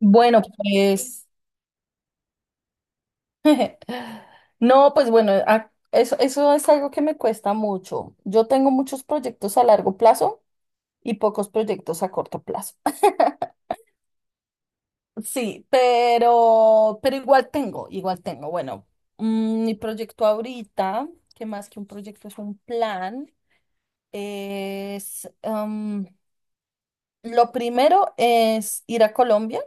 Bueno, pues no, pues bueno, eso, eso es algo que me cuesta mucho. Yo tengo muchos proyectos a largo plazo y pocos proyectos a corto plazo. Sí, pero igual tengo, igual tengo. Bueno, mi proyecto ahorita, que más que un proyecto es un plan, es, am, lo primero es ir a Colombia,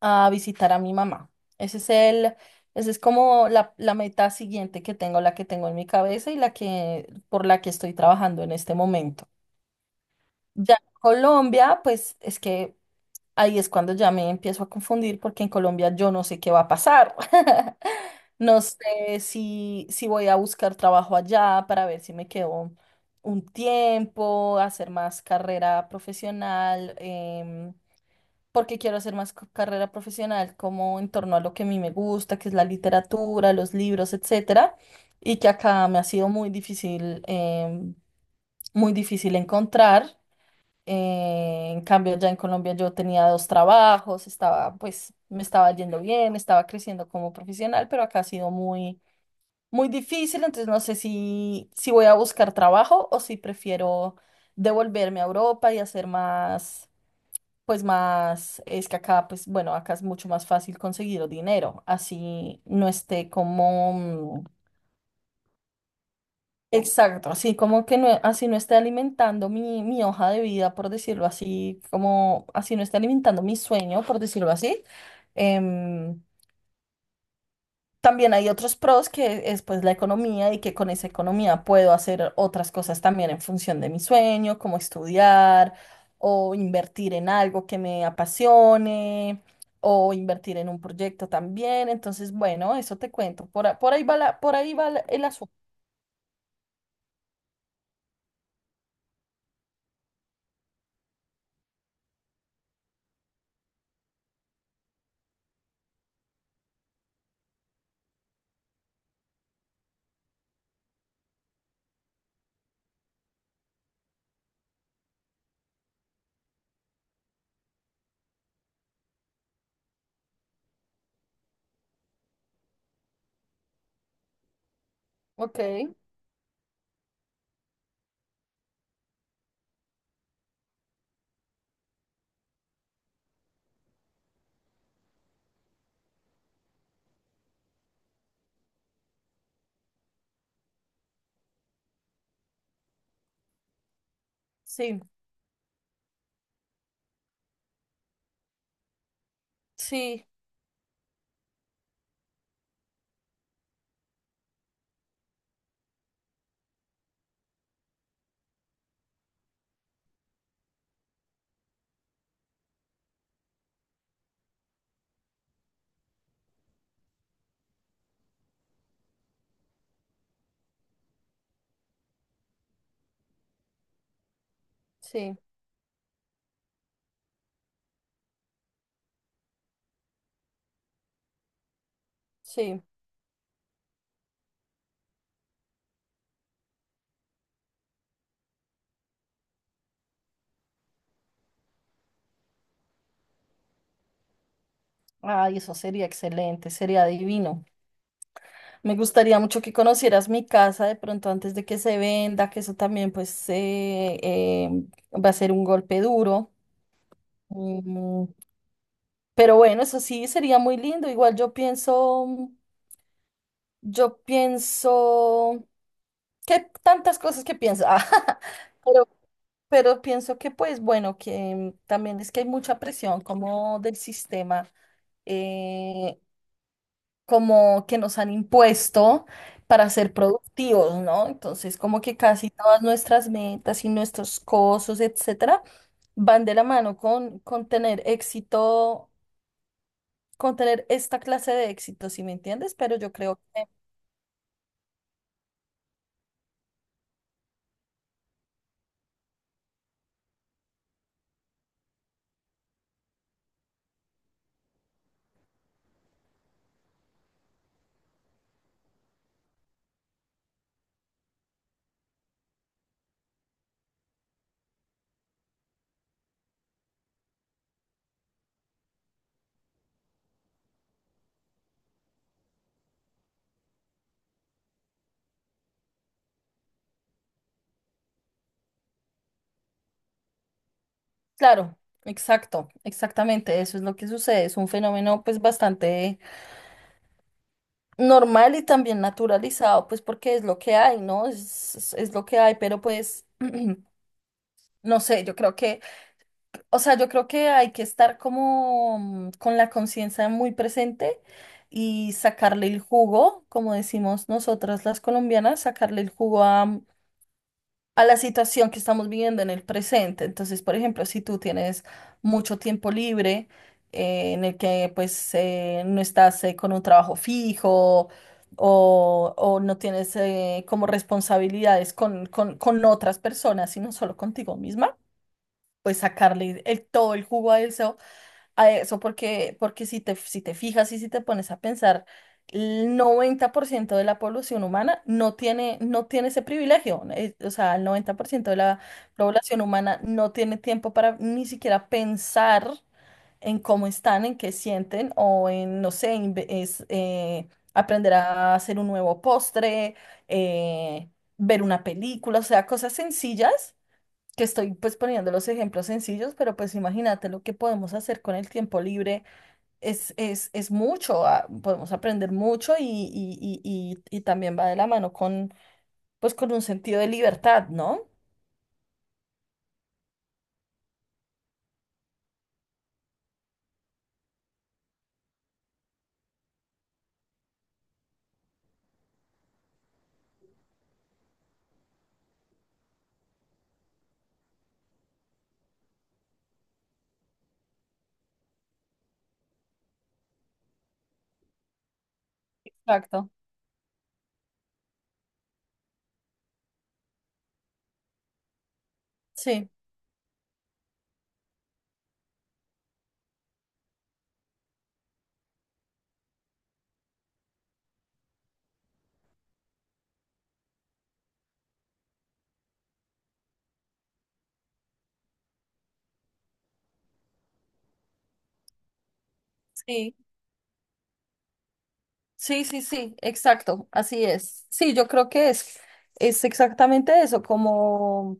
a visitar a mi mamá. Ese es el, ese es como la meta siguiente que tengo, la que tengo en mi cabeza y por la que estoy trabajando en este momento. Ya en Colombia, pues es que ahí es cuando ya me empiezo a confundir porque en Colombia yo no sé qué va a pasar. No sé si voy a buscar trabajo allá para ver si me quedo un tiempo, hacer más carrera profesional. Porque quiero hacer más carrera profesional como en torno a lo que a mí me gusta, que es la literatura, los libros, etcétera, y que acá me ha sido muy difícil, muy difícil encontrar. En cambio, ya en Colombia yo tenía 2 trabajos, estaba, pues, me estaba yendo bien, estaba creciendo como profesional, pero acá ha sido muy, muy difícil, entonces no sé si voy a buscar trabajo o si prefiero devolverme a Europa y hacer más. Pues más, es que acá, pues bueno, acá es mucho más fácil conseguir dinero, así no esté como, mm, exacto, así como que no, así no esté alimentando mi hoja de vida, por decirlo así, como así no esté alimentando mi sueño, por decirlo así. em, También hay otros pros que es pues la economía y que con esa economía puedo hacer otras cosas también en función de mi sueño, como estudiar o invertir en algo que me apasione o invertir en un proyecto también. Entonces, bueno, eso te cuento. Por ahí por ahí el asunto. Ok, sí, sí, sí, sí. Ay, eso sería excelente, sería divino. Me gustaría mucho que conocieras mi casa de pronto antes de que se venda, que eso también pues va a ser un golpe duro. Mm, pero bueno, eso sí sería muy lindo. Igual yo pienso que tantas cosas que pienso, Ah, pero, pero pienso que pues bueno, que también es que hay mucha presión como del sistema. eh, Como que nos han impuesto para ser productivos, ¿no? Entonces, como que casi todas nuestras metas y nuestros cosos, etcétera, van de la mano con tener éxito, con tener esta clase de éxito, ¿si me entiendes? Pero yo creo que, claro, exacto, exactamente, eso es lo que sucede, es un fenómeno pues bastante normal y también naturalizado, pues porque es lo que hay, ¿no? Es, es lo que hay, pero pues, no sé, yo creo que o sea, yo creo que hay que estar como con la conciencia muy presente y sacarle el jugo, como decimos nosotras las colombianas, sacarle el jugo a, a la situación que estamos viviendo en el presente. Entonces, por ejemplo, si tú tienes mucho tiempo libre en el que pues no estás con un trabajo fijo o no tienes como responsabilidades con otras personas, sino solo contigo misma, pues sacarle el, todo el jugo a eso porque, porque si te fijas y si te pones a pensar, el 90% de la población humana no tiene, no tiene ese privilegio. O sea, el 90% de la población humana no tiene tiempo para ni siquiera pensar en cómo están, en qué sienten o en, no sé, aprender a hacer un nuevo postre, eh, ver una película, o sea, cosas sencillas que estoy pues poniendo los ejemplos sencillos, pero pues imagínate lo que podemos hacer con el tiempo libre es, es mucho, ah, podemos aprender mucho y también va de la mano con pues con un sentido de libertad, ¿no? Exacto. Sí, sí, sí, sí, sí, exacto, así es. Sí, yo creo que es exactamente eso, como...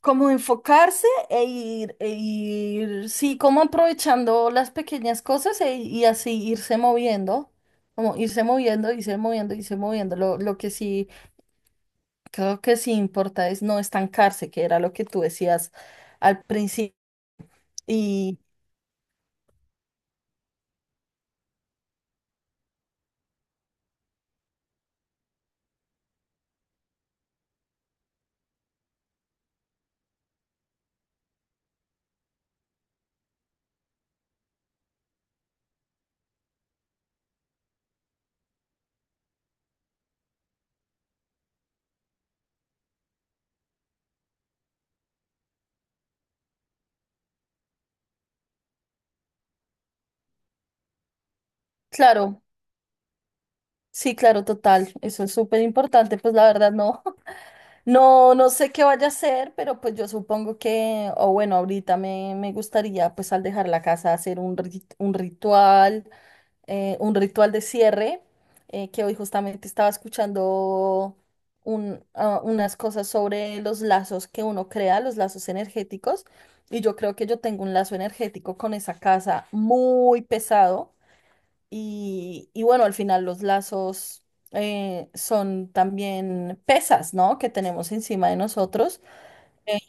como enfocarse e ir, sí, como aprovechando las pequeñas cosas y así irse moviendo, como irse moviendo, irse moviendo, irse moviendo. Lo que sí, creo que sí importa es no estancarse, que era lo que tú decías al principio. Y claro, sí, claro, total, eso es súper importante, pues la verdad no, no, no sé qué vaya a hacer, pero pues yo supongo que, o bueno, ahorita me gustaría pues al dejar la casa hacer un, un ritual de cierre, que hoy justamente estaba escuchando unas cosas sobre los lazos que uno crea, los lazos energéticos, y yo creo que yo tengo un lazo energético con esa casa muy pesado, y bueno, al final los lazos son también pesas, ¿no? Que tenemos encima de nosotros. Eh,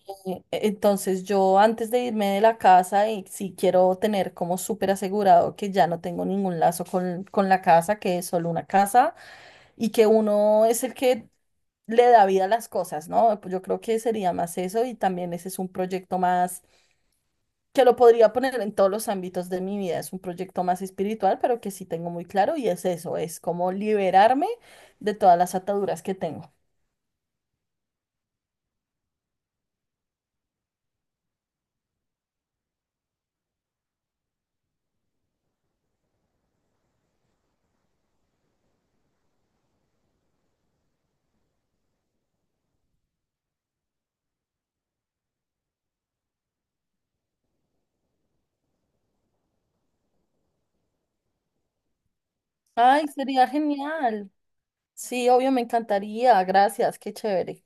Entonces yo antes de irme de la casa y si quiero tener como súper asegurado que ya no tengo ningún lazo con la casa, que es solo una casa y que uno es el que le da vida a las cosas, ¿no? Pues yo creo que sería más eso y también ese es un proyecto más que lo podría poner en todos los ámbitos de mi vida, es un proyecto más espiritual, pero que sí tengo muy claro y es eso, es como liberarme de todas las ataduras que tengo. Ay, sería genial. Sí, obvio, me encantaría. Gracias, qué chévere.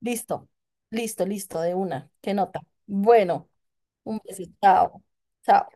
Listo, listo, listo, de una. Qué nota. Bueno, un beso. Chao. Chao.